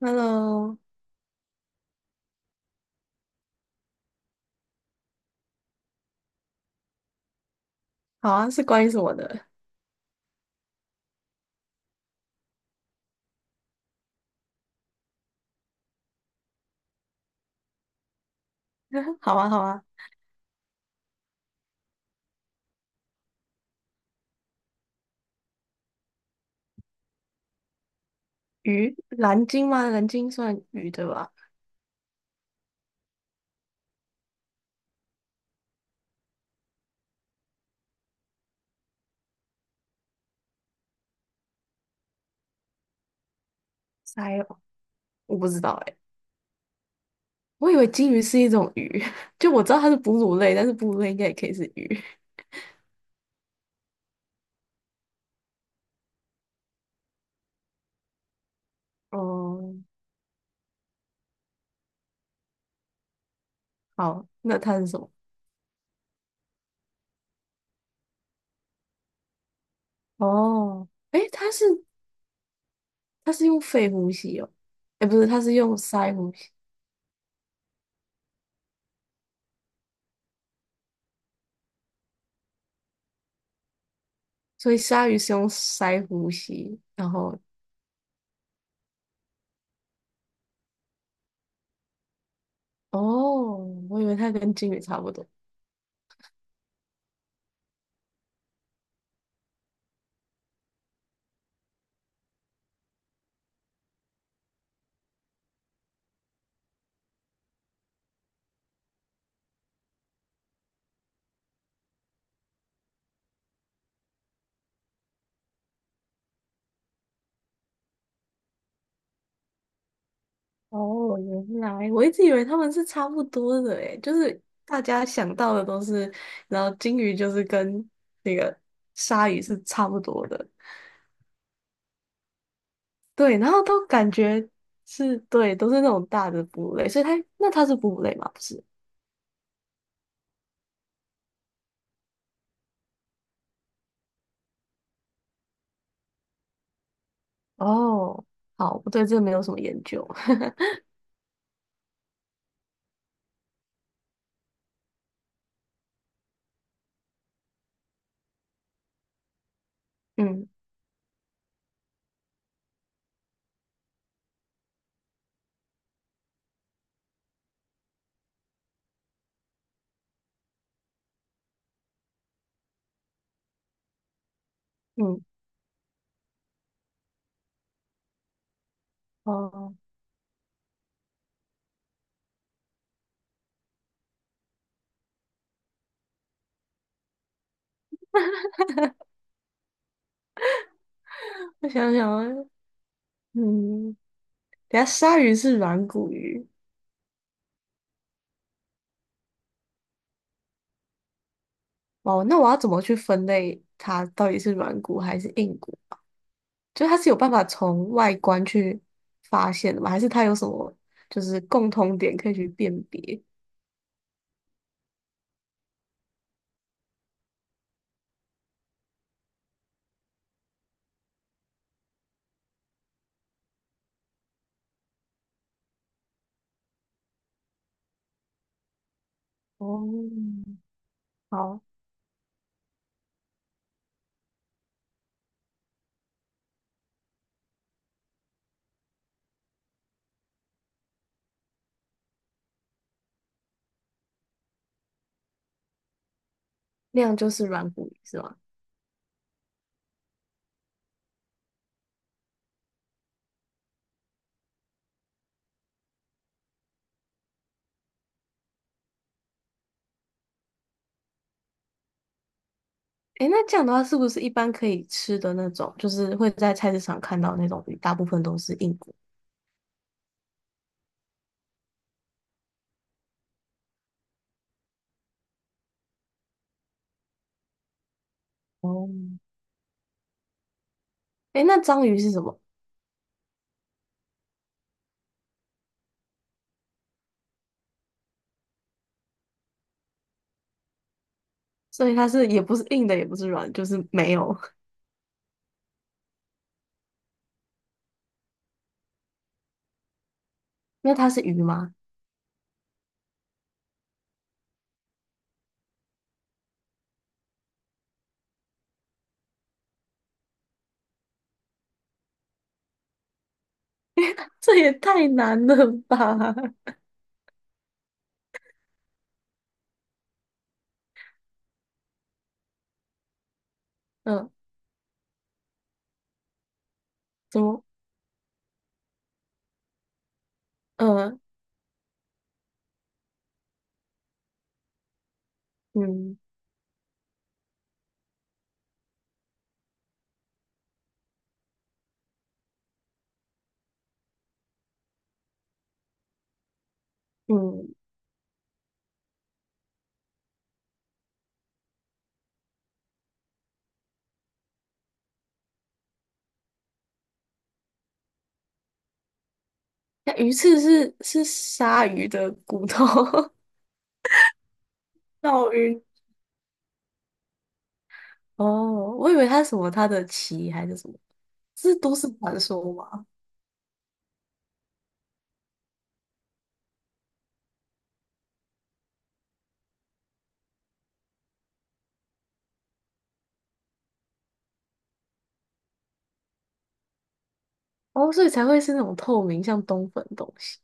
Hello，好啊，是关于什么的？好啊，好啊，鱼，蓝鲸吗？蓝鲸算鱼对吧？鳃哦，我不知道哎、我以为鲸鱼是一种鱼，就我知道它是哺乳类，但是哺乳类应该也可以是鱼。哦、好，那它是什么？哦，诶，它是它是用肺呼吸哦，诶，不是，它是用鳃呼吸，所以鲨鱼是用鳃呼吸，然后哦，我以为它跟鲸鱼差不多。哦，原来我一直以为他们是差不多的诶，就是大家想到的都是，然后金鱼就是跟那个鲨鱼是差不多的，对，然后都感觉是对，都是那种大的哺乳类，所以它那它是哺乳类吗？不是，哦，好，我对这个没有什么研究，嗯。嗯，哦，我想想啊，嗯，等下鲨鱼是软骨鱼，哦，那我要怎么去分类它到底是软骨还是硬骨？就是它是有办法从外观去发现的吗？还是它有什么就是共通点可以去辨别？哦，好，那样就是软骨鱼是吗？诶，那这样的话是不是一般可以吃的那种，就是会在菜市场看到那种鱼，大部分都是硬骨？哦，诶，那章鱼是什么？所以它是也不是硬的，也不是软，就是没有。那它是鱼吗？这也太难了吧？嗯，怎么？嗯。嗯。嗯。那鱼翅是鲨鱼的骨头，绕晕。哦，我以为它是什么它的鳍还是什么，这是都市传说吗？哦，所以才会是那种透明像冬粉的东西。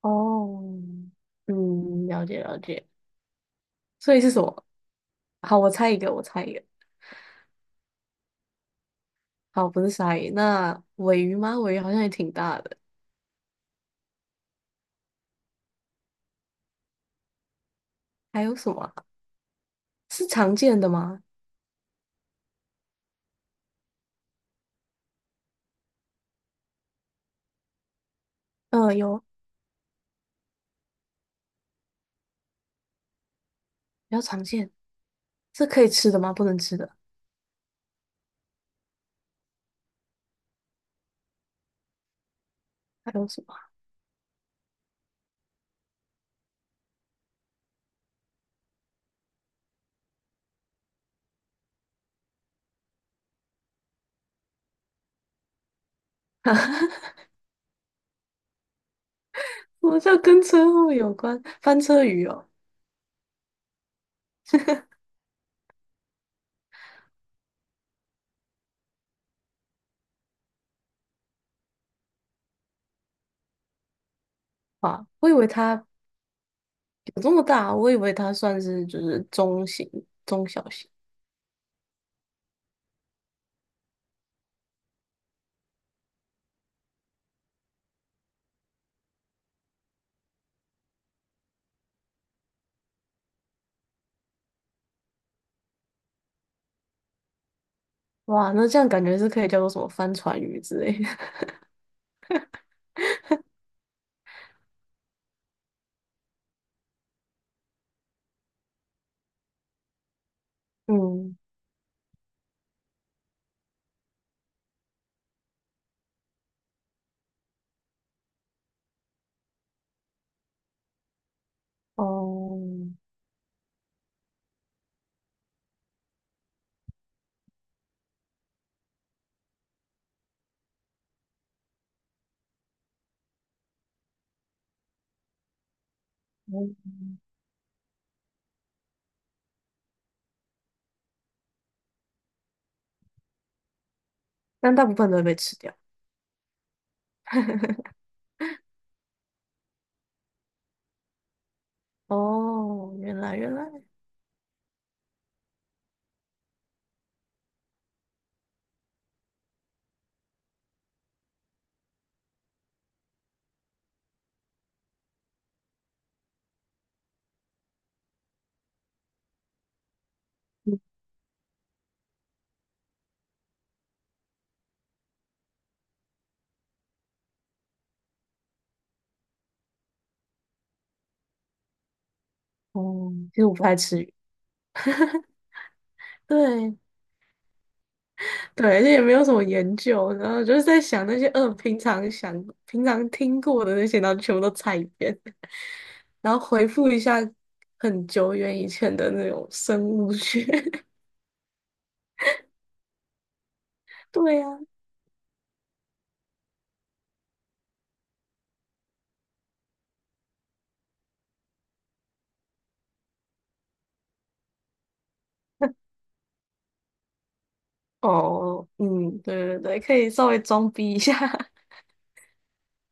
哦，嗯，了解了解。所以是什么？好，我猜一个，我猜一个。好，不是鲨鱼，那尾鱼吗？尾鱼好像也挺大的。还有什么啊，是常见的吗？嗯、有，比较常见。是可以吃的吗？不能吃的。还有什么？我这跟车祸有关？翻车鱼哦，哇！我以为它有这么大，我以为它算是就是中型、中小型。哇，那这样感觉是可以叫做什么帆船鱼之类的。嗯，哦，嗯，但大部分都会被吃掉。哦，原来原来，嗯，哦，其实我不爱吃鱼。对，对，而且也没有什么研究，然后就是在想那些，平常想、平常听过的那些，然后全部都猜一遍。然后回复一下很久远以前的那种生物学。对呀、哦，嗯，对对对，可以稍微装逼一下。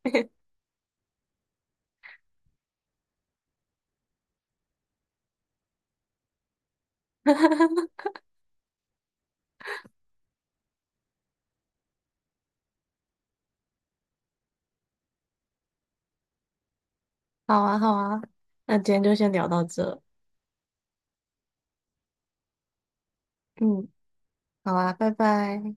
好啊，好啊，那今天就先聊到这。嗯，好啊，拜拜。